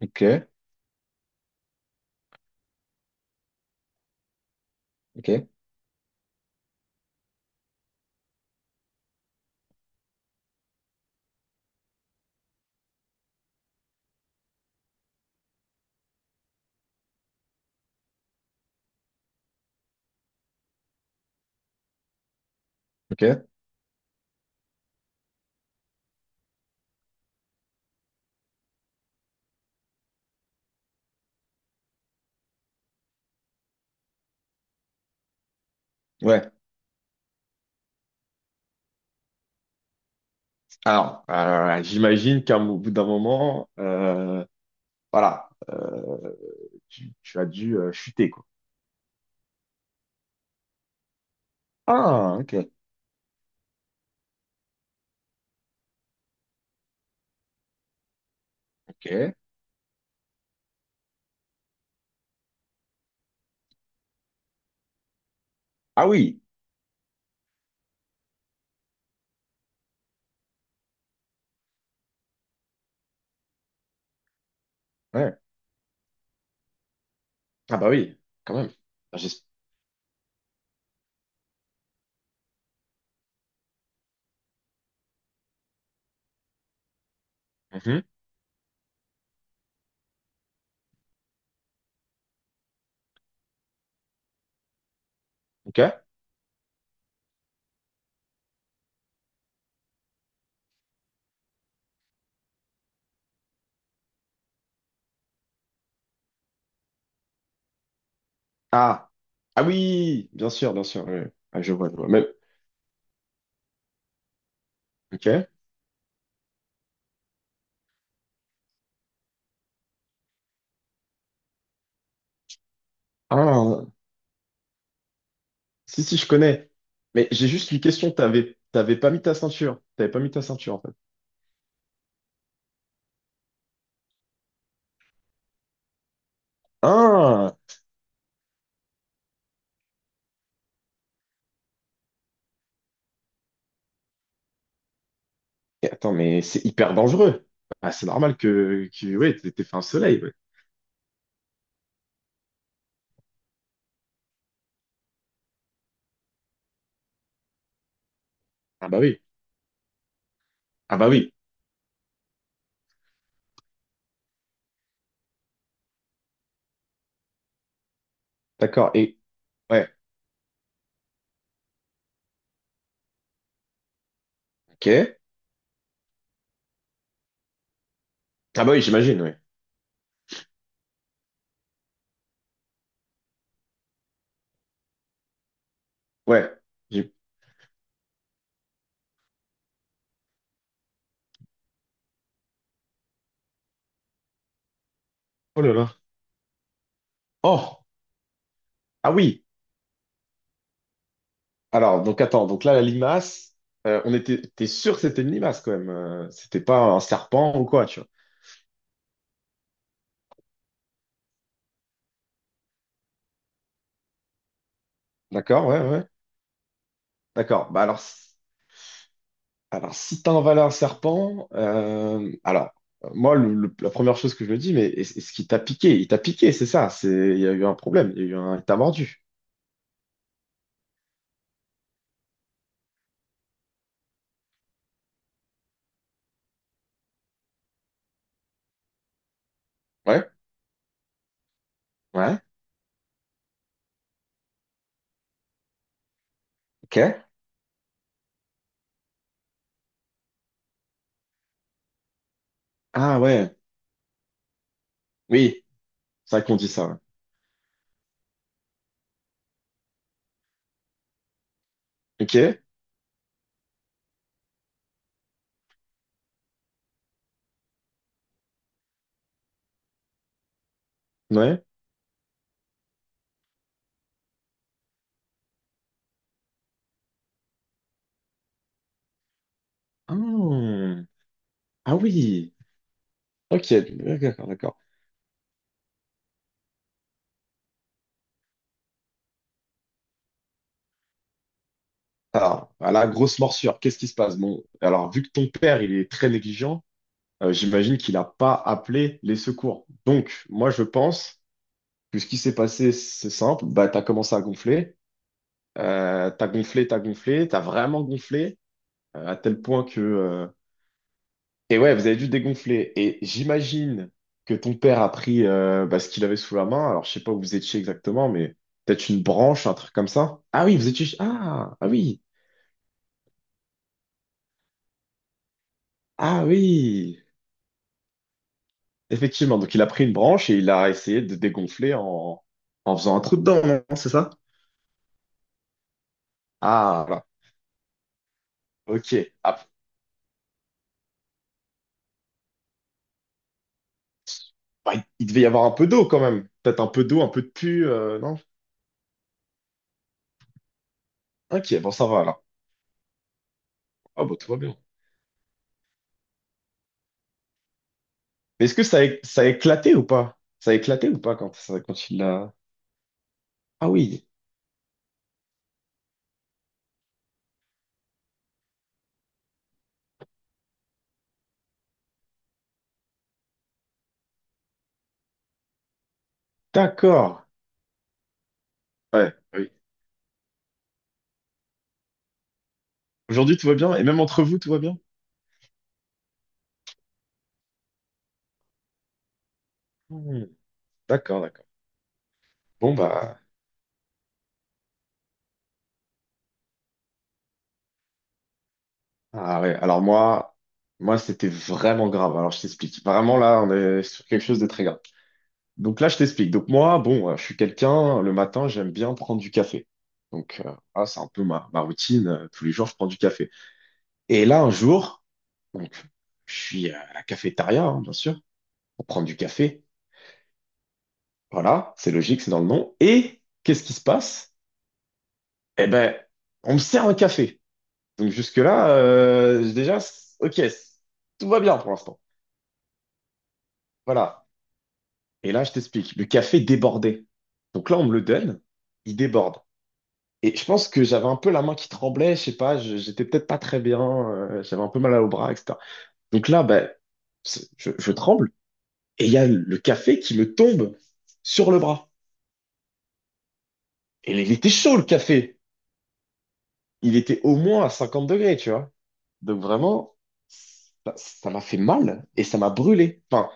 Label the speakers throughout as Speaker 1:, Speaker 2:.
Speaker 1: Ok, ok, ok. Ouais. Alors, j'imagine au bout d'un moment, voilà, tu as dû chuter, quoi. Ah, ok, ok. Ah oui, ouais. Ah bah oui, quand même. J'espère. Ok. Ah. Ah oui, bien sûr, bien sûr. Oui. Ah, je vois, je vois. Même. Ok. Ah, si, si, je connais. Mais j'ai juste une question. T'avais pas mis ta ceinture. T'avais pas mis ta ceinture, en fait. Ah. Et attends, mais c'est hyper dangereux. Ah, c'est normal que ouais, t'es fait un soleil. Ouais. Ah bah oui. Ah bah oui. D'accord. Et ouais. Ok. Ah bah oui, j'imagine. Ouais. Ouais. J'ai- Oh là là. Oh. Ah oui. Alors donc attends. Donc là la limace. On était. T'es sûr que c'était une limace quand même. C'était pas un serpent ou quoi, tu vois. D'accord. Ouais. Ouais. D'accord. Bah alors. Alors, si t'as un serpent, alors, moi, la première chose que je me dis, mais est-ce qu'il t'a piqué? Il t'a piqué, c'est ça. C'est, il y a eu un problème. Il y a eu un, il t'a mordu. Ouais, ouais, ok. Ah ouais, oui, c'est vrai qu'on dit ça. Ouais. Ok, ouais. Hmm. Ah oui, ok, d'accord, d'accord. Alors, à la grosse morsure, qu'est-ce qui se passe? Bon, alors, vu que ton père, il est très négligent, j'imagine qu'il n'a pas appelé les secours. Donc, moi, je pense. Que ce qui s'est passé, c'est simple, bah, tu as commencé à gonfler, tu as gonflé, tu as gonflé, tu as vraiment gonflé, à tel point que... Et ouais, vous avez dû dégonfler. Et j'imagine que ton père a pris bah, ce qu'il avait sous la main, alors je sais pas où vous étiez exactement, mais peut-être une branche, un truc comme ça. Ah oui, vous étiez... Ah, ah oui, ah oui, effectivement. Donc il a pris une branche et il a essayé de dégonfler en, en faisant un trou dedans, non, c'est ça? Ah, voilà. Ok. Ah, bah, il devait y avoir un peu d'eau quand même. Peut-être un peu d'eau, un peu de pu, non? Ok, bon, ça va alors. Ah, bah, tout va bien. Mais est-ce que ça a, ça a éclaté ou pas? Ça a éclaté ou pas quand, quand il l'a. Ah oui, d'accord. Ouais, bah oui. Aujourd'hui, tout va bien? Et même entre vous, tout va bien? Hmm, d'accord, d'accord. Bon, bah. Ah ouais, alors moi, moi, c'était vraiment grave. Alors, je t'explique. Vraiment, là, on est sur quelque chose de très grave. Donc là, je t'explique. Donc moi, bon, je suis quelqu'un, le matin, j'aime bien prendre du café. Donc ah, c'est un peu ma, ma routine. Tous les jours, je prends du café. Et là, un jour, donc, je suis à la cafétéria, hein, bien sûr, pour prendre du café. Voilà, c'est logique, c'est dans le nom. Et qu'est-ce qui se passe? Eh ben, on me sert un café. Donc jusque-là, déjà, ok, tout va bien pour l'instant. Voilà. Et là, je t'explique. Le café débordait. Donc là, on me le donne, il déborde. Et je pense que j'avais un peu la main qui tremblait, je sais pas, j'étais peut-être pas très bien, j'avais un peu mal au bras, etc. Donc là, ben, je tremble et il y a le café qui me tombe sur le bras. Et il était chaud le café, il était au moins à 50 degrés, tu vois. Donc vraiment, ça m'a fait mal et ça m'a brûlé. Enfin,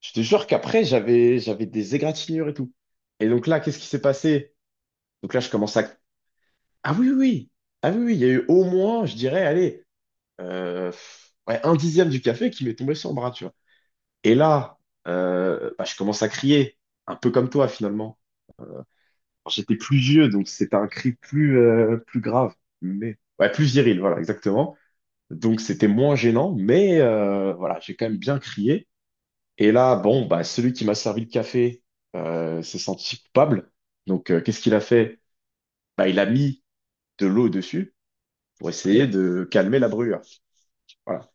Speaker 1: je te jure qu'après, j'avais des égratignures et tout. Et donc là, qu'est-ce qui s'est passé? Donc là, je commence à... Ah oui, oui, oui. Ah oui, oui, il y a eu au moins, je dirais, allez. euh, ouais, un dixième du café qui m'est tombé sur le bras, tu vois. Et là, bah, je commence à crier, un peu comme toi finalement. Alors, j'étais plus vieux, donc c'était un cri plus, plus grave, mais ouais, plus viril, voilà, exactement. Donc c'était moins gênant, mais voilà, j'ai quand même bien crié. Et là, bon, bah, celui qui m'a servi le café s'est senti coupable. Donc qu'est-ce qu'il a fait? Bah, il a mis de l'eau dessus pour essayer de calmer la brûlure. Voilà.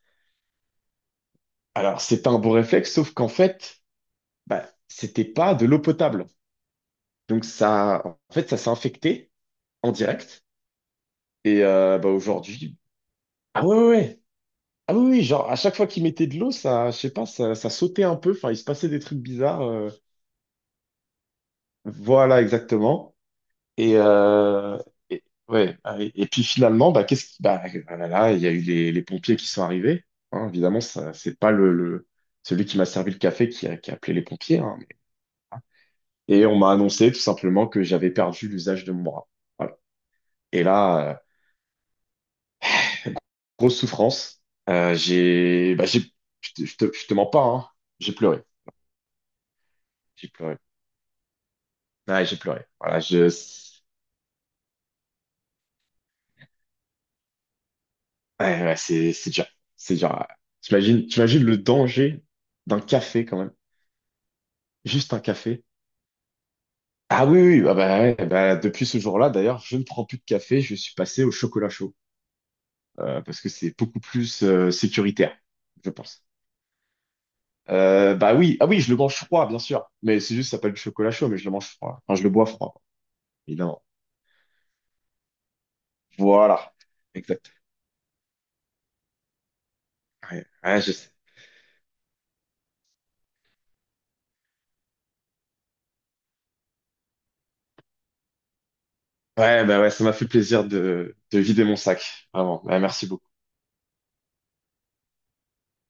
Speaker 1: Alors c'est un bon réflexe, sauf qu'en fait, bah, c'était pas de l'eau potable. Donc ça, en fait, ça s'est infecté en direct. Et bah, aujourd'hui, ah ouais, ouais, ouais. Ah oui, oui, genre à chaque fois qu'il mettait de l'eau, ça, je sais pas, ça sautait un peu. Enfin, il se passait des trucs bizarres. Euh. Voilà, exactement. Et, euh, et- ouais. Ah, et puis finalement, bah qu'est-ce qui, bah ah là, là, il y a eu les pompiers qui sont arrivés. Hein, évidemment, ça, c'est pas le- celui qui m'a servi le café qui a appelé les pompiers. Hein. Et on m'a annoncé tout simplement que j'avais perdu l'usage de mon bras. Voilà. Et là, grosse souffrance. Bah, j'ai, je te mens pas, hein. J'ai pleuré. J'ai pleuré. Ouais, j'ai pleuré. Voilà, je, ouais, ouais, c'est dur. C'est dur. Ouais. T'imagines, t'imagines le danger d'un café quand même. Juste un café. Ah oui, oui, bah, bah, ouais, bah, depuis ce jour-là, d'ailleurs, je ne prends plus de café. Je suis passé au chocolat chaud. Parce que c'est beaucoup plus, sécuritaire, je pense. Bah oui, ah oui, je le mange froid, bien sûr. Mais c'est juste, ça s'appelle du chocolat chaud, mais je le mange froid. Enfin, je le bois froid, évidemment. Voilà, exact. Ouais, ouais, je sais. Ouais, bah ouais, ça m'a fait plaisir de vider mon sac. Vraiment. Ouais, merci beaucoup.